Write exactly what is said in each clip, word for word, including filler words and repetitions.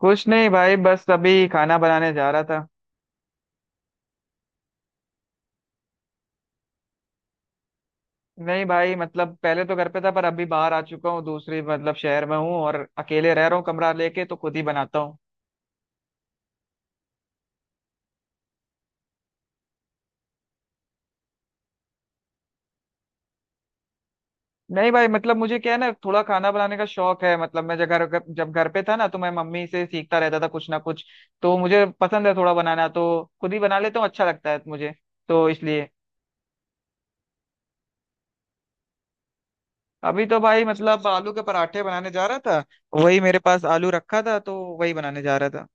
कुछ नहीं भाई, बस अभी खाना बनाने जा रहा था। नहीं भाई, मतलब पहले तो घर पे था, पर अभी बाहर आ चुका हूँ। दूसरी मतलब शहर में हूँ और अकेले रह रहा हूँ, कमरा लेके, तो खुद ही बनाता हूँ। नहीं भाई, मतलब मुझे क्या है ना, थोड़ा खाना बनाने का शौक है। मतलब मैं जब घर जब घर पे था ना, तो मैं मम्मी से सीखता रहता था कुछ ना कुछ। तो मुझे पसंद है थोड़ा बनाना, तो खुद ही बना लेता हूँ, अच्छा लगता है मुझे, तो इसलिए। अभी तो भाई, मतलब आलू के पराठे बनाने जा रहा था। वही मेरे पास आलू रखा था, तो वही बनाने जा रहा था।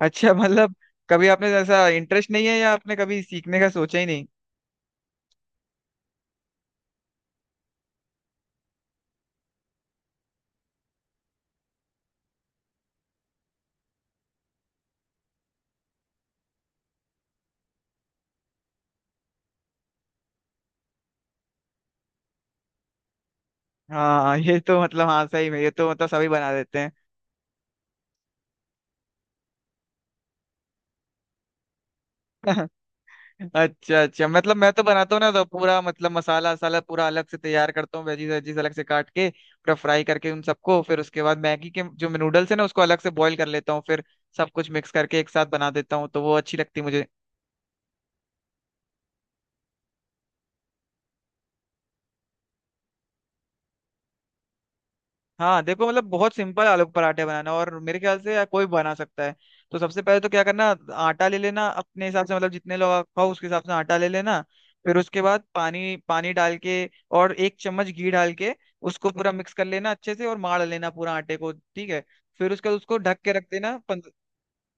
अच्छा, मतलब कभी आपने ऐसा इंटरेस्ट नहीं है, या आपने कभी सीखने का सोचा ही नहीं? हाँ, ये तो मतलब, हाँ, सही में, ये तो मतलब सभी बना देते हैं। अच्छा अच्छा, मतलब मैं तो बनाता हूँ ना, तो पूरा मतलब मसाला वसाला पूरा अलग से तैयार करता हूँ। वेजीज वेजीज अलग से काट के पूरा फ्राई करके उन सबको, फिर उसके बाद मैगी के जो नूडल्स है ना, उसको अलग से बॉईल कर लेता हूँ, फिर सब कुछ मिक्स करके एक साथ बना देता हूँ, तो वो अच्छी लगती है मुझे। हाँ देखो, मतलब बहुत सिंपल आलू के पराठे बनाना, और मेरे ख्याल से यार कोई बना सकता है। तो सबसे पहले तो क्या करना, आटा ले लेना अपने हिसाब से, मतलब जितने लोग आप खाओ उसके हिसाब से आटा ले लेना। फिर उसके बाद पानी पानी डाल के, और एक चम्मच घी डाल के, उसको पूरा मिक्स कर लेना अच्छे से, और मार लेना पूरा आटे को, ठीक है। फिर उसके बाद उसको ढक के रख देना पंद-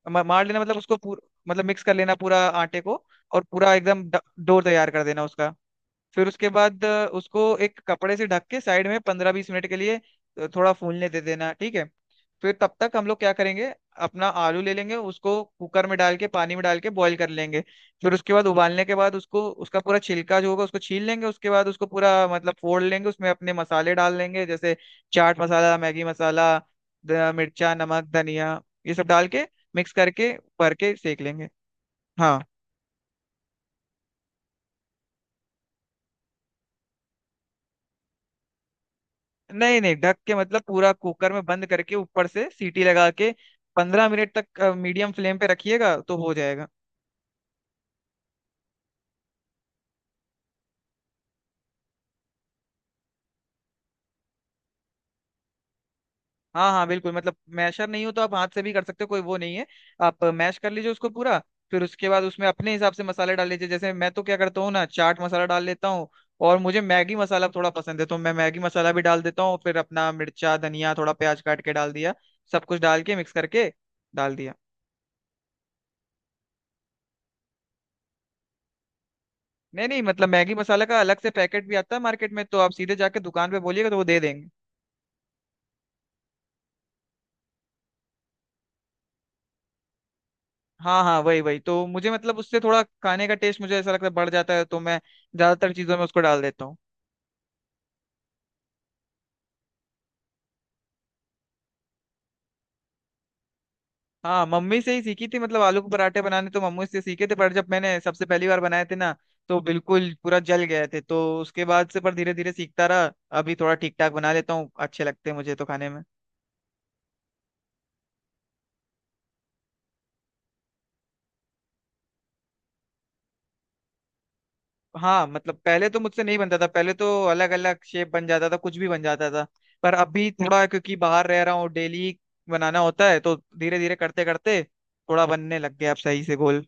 मा- मार लेना, मतलब उसको पूरा, मतलब मिक्स कर लेना पूरा आटे को, और पूरा एकदम डो तैयार कर देना उसका। फिर उसके बाद अ, उसको एक कपड़े से ढक के साइड में पंद्रह बीस मिनट के लिए अ, थोड़ा फूलने दे देना, ठीक है। फिर तब तक हम लोग क्या करेंगे, अपना आलू ले लेंगे, उसको कुकर में डाल के, पानी में डाल के बॉईल कर लेंगे। फिर उसके बाद उबालने के बाद उसको उसका पूरा छिलका जो होगा, उसको छील लेंगे। उसके बाद उसको पूरा, मतलब फोड़ लेंगे, उसमें अपने मसाले डाल लेंगे, जैसे चाट मसाला, मैगी मसाला, द- मिर्चा, नमक, धनिया, ये सब डाल के मिक्स करके भर के सेक लेंगे। हाँ। नहीं नहीं, ढक के, मतलब पूरा कुकर में बंद करके, ऊपर से सीटी लगा के पंद्रह मिनट तक मीडियम फ्लेम पे रखिएगा तो हो जाएगा। हाँ हाँ बिल्कुल, मतलब मैशर नहीं हो तो आप हाथ से भी कर सकते हो, कोई वो नहीं है। आप मैश कर लीजिए उसको पूरा। फिर उसके बाद उसमें अपने हिसाब से मसाले डाल लीजिए, जैसे मैं तो क्या करता हूँ ना, चाट मसाला डाल लेता हूँ, और मुझे मैगी मसाला थोड़ा पसंद है, तो मैं मैगी मसाला भी डाल देता हूँ। फिर अपना मिर्चा, धनिया, थोड़ा प्याज काट के डाल दिया, सब कुछ डाल के मिक्स करके डाल दिया। नहीं नहीं, मतलब मैगी मसाला का अलग से पैकेट भी आता है मार्केट में, तो आप सीधे जाके दुकान पे बोलिएगा तो वो दे देंगे। हाँ हाँ, वही वही। तो मुझे, मतलब उससे थोड़ा खाने का टेस्ट मुझे ऐसा लगता है बढ़ जाता है, तो मैं ज्यादातर चीजों में उसको डाल देता हूँ। हाँ, मम्मी से ही सीखी थी, मतलब आलू के पराठे बनाने तो मम्मी से सीखे थे। पर जब मैंने सबसे पहली बार बनाए थे ना, तो बिल्कुल पूरा जल गए थे, तो उसके बाद से, पर धीरे धीरे सीखता रहा। अभी थोड़ा ठीक ठाक बना लेता हूँ, अच्छे लगते हैं मुझे तो खाने में। हाँ, मतलब पहले तो मुझसे नहीं बनता था, पहले तो अलग अलग शेप बन जाता था, कुछ भी बन जाता था। पर अभी थोड़ा, क्योंकि बाहर रह रहा हूँ, डेली बनाना होता है, तो धीरे धीरे करते करते थोड़ा बनने लग गया, अब सही से गोल।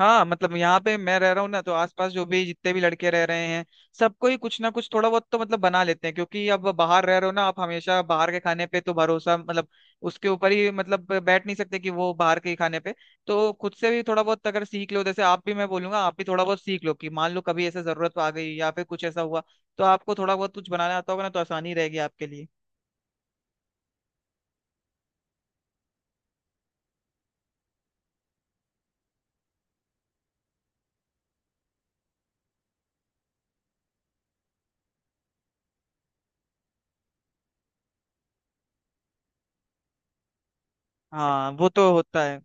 हाँ, मतलब यहाँ पे मैं रह रहा हूँ ना, तो आसपास जो भी जितने भी लड़के रह रहे हैं, सबको ही कुछ ना कुछ थोड़ा बहुत तो मतलब बना लेते हैं, क्योंकि अब बाहर रह रहे हो ना आप, हमेशा बाहर के खाने पे तो भरोसा, मतलब उसके ऊपर ही, मतलब बैठ नहीं सकते कि वो बाहर के ही खाने पे। तो खुद से भी थोड़ा बहुत अगर सीख लो, जैसे आप भी, मैं बोलूंगा आप भी थोड़ा बहुत सीख लो, कि मान लो कभी ऐसे जरूरत आ गई, या फिर कुछ ऐसा हुआ, तो आपको थोड़ा बहुत कुछ बनाना आता होगा ना, तो आसानी रहेगी आपके लिए। हाँ, वो तो होता है।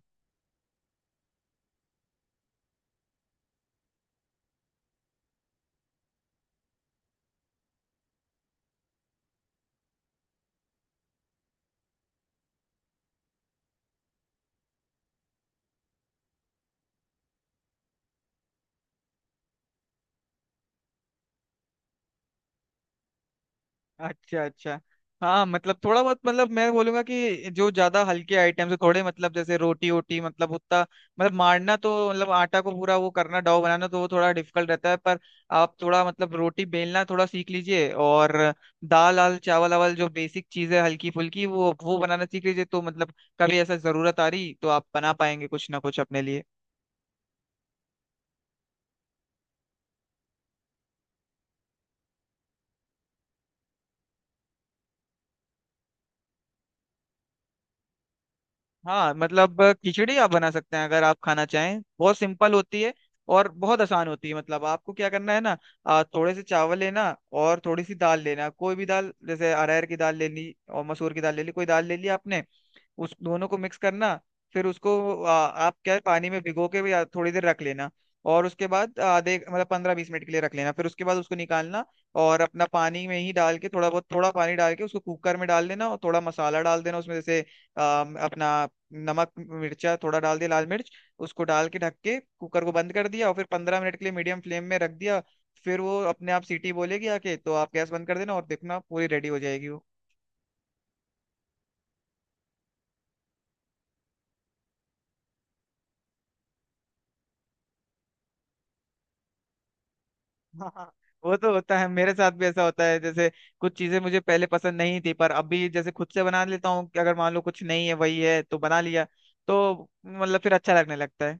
अच्छा अच्छा। हाँ, मतलब थोड़ा बहुत, मतलब मैं बोलूंगा कि जो ज्यादा हल्के आइटम्स है थोड़े, मतलब जैसे रोटी वोटी, मतलब उतना, मतलब मारना तो, मतलब आटा को पूरा वो करना, डो बनाना तो वो थोड़ा डिफिकल्ट रहता है। पर आप थोड़ा, मतलब रोटी बेलना थोड़ा सीख लीजिए, और दाल आल चावल आवल जो बेसिक चीज है हल्की फुल्की, वो वो बनाना सीख लीजिए, तो मतलब कभी ऐसा जरूरत आ रही तो आप बना पाएंगे कुछ ना कुछ अपने लिए। हाँ, मतलब अ, खिचड़ी आप बना सकते हैं, अगर आप खाना चाहें, बहुत सिंपल होती है और बहुत आसान होती है। मतलब आपको क्या करना है ना, अ, थोड़े से चावल लेना, और थोड़ी सी दाल लेना, कोई भी दाल, जैसे अरहर की दाल ले ली, और मसूर की दाल ले ली, कोई दाल ले ली आपने, उस दोनों को मिक्स करना। फिर उसको आ, आप क्या है, पानी में भिगो के भी आ, थोड़ी देर रख लेना, और उसके बाद आधे, मतलब पंद्रह बीस मिनट के लिए रख लेना। फिर उसके बाद उसको निकालना, और अपना पानी में ही डाल के, थोड़ा बहुत थोड़ा पानी डाल के, उसको कुकर में डाल देना, और थोड़ा मसाला डाल देना उसमें, जैसे आ, अपना नमक मिर्चा थोड़ा डाल दिया, लाल मिर्च। उसको डाल के ढक के कुकर को बंद कर दिया, और फिर पंद्रह मिनट के लिए मीडियम फ्लेम में रख दिया। फिर वो अपने आप सीटी बोलेगी आके, तो आप गैस बंद कर देना और देखना, पूरी रेडी हो जाएगी वो। हाँ, वो तो होता है, मेरे साथ भी ऐसा होता है जैसे, कुछ चीजें मुझे पहले पसंद नहीं थी, पर अभी जैसे खुद से बना लेता हूँ कि अगर मान लो कुछ नहीं है, वही है तो बना लिया, तो मतलब फिर अच्छा लगने लगता है।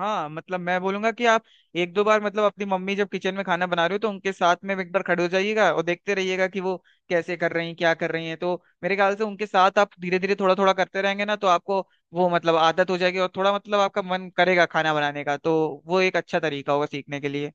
हाँ, मतलब मैं बोलूंगा कि आप एक दो बार, मतलब अपनी मम्मी जब किचन में खाना बना रहे हो, तो उनके साथ में एक बार खड़े हो जाइएगा और देखते रहिएगा कि वो कैसे कर रही हैं, क्या कर रही हैं। तो मेरे ख्याल से उनके साथ आप धीरे धीरे थोड़ा थोड़ा करते रहेंगे ना, तो आपको वो, मतलब आदत हो जाएगी, और थोड़ा, मतलब आपका मन करेगा खाना बनाने का, तो वो एक अच्छा तरीका होगा सीखने के लिए।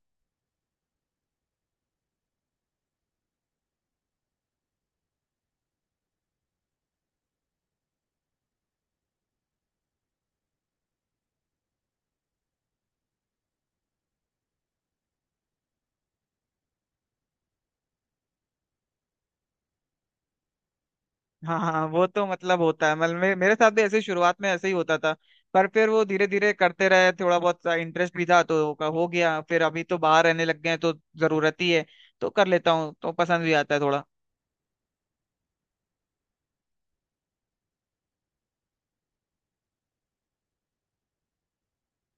हाँ हाँ, वो तो मतलब होता है। मतलब मे, मेरे साथ भी ऐसे ही शुरुआत में ऐसे ही होता था, पर फिर वो धीरे धीरे करते रहे, थोड़ा बहुत इंटरेस्ट भी था तो का हो गया। फिर अभी तो बाहर रहने लग गए हैं तो जरूरत ही है, तो कर लेता हूँ, तो पसंद भी आता है थोड़ा।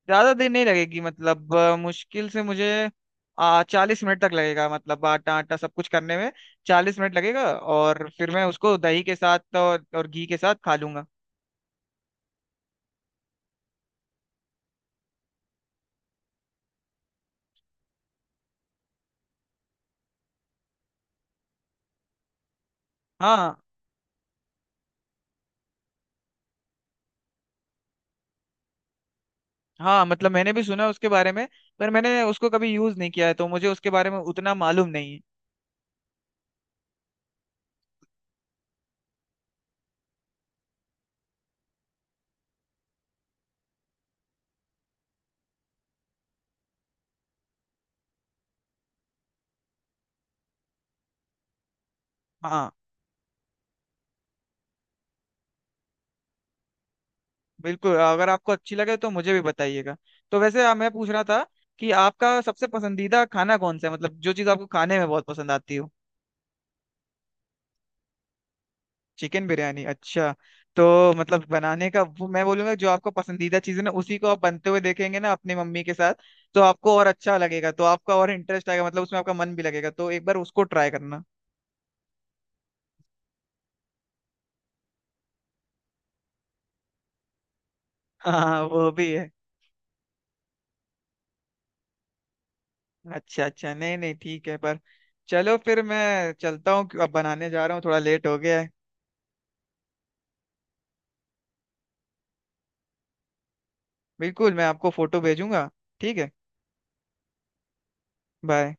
ज्यादा देर नहीं लगेगी, मतलब अ, मुश्किल से मुझे आ, चालीस मिनट तक लगेगा, मतलब आटा आटा सब कुछ करने में चालीस मिनट लगेगा। और फिर मैं उसको दही के साथ और, और, घी के साथ खा लूंगा। हाँ। हाँ, मतलब मैंने भी सुना है उसके बारे में, पर मैंने उसको कभी यूज नहीं किया है, तो मुझे उसके बारे में उतना मालूम नहीं है। हाँ बिल्कुल, अगर आपको अच्छी लगे तो मुझे भी बताइएगा। तो वैसे आ, मैं पूछ रहा था कि आपका सबसे पसंदीदा खाना कौन सा है, मतलब जो चीज़ आपको खाने में बहुत पसंद आती हो। चिकन बिरयानी, अच्छा। तो मतलब बनाने का, वो मैं बोलूंगा जो आपका पसंदीदा चीज़ है ना, उसी को आप बनते हुए देखेंगे ना अपनी मम्मी के साथ, तो आपको और अच्छा लगेगा, तो आपका और इंटरेस्ट आएगा, मतलब उसमें आपका मन भी लगेगा, तो एक बार उसको ट्राई करना। हाँ, वो भी है। अच्छा अच्छा, नहीं नहीं, ठीक है, पर चलो फिर मैं चलता हूँ, अब बनाने जा रहा हूँ, थोड़ा लेट हो गया है। बिल्कुल, मैं आपको फोटो भेजूंगा। ठीक है, बाय।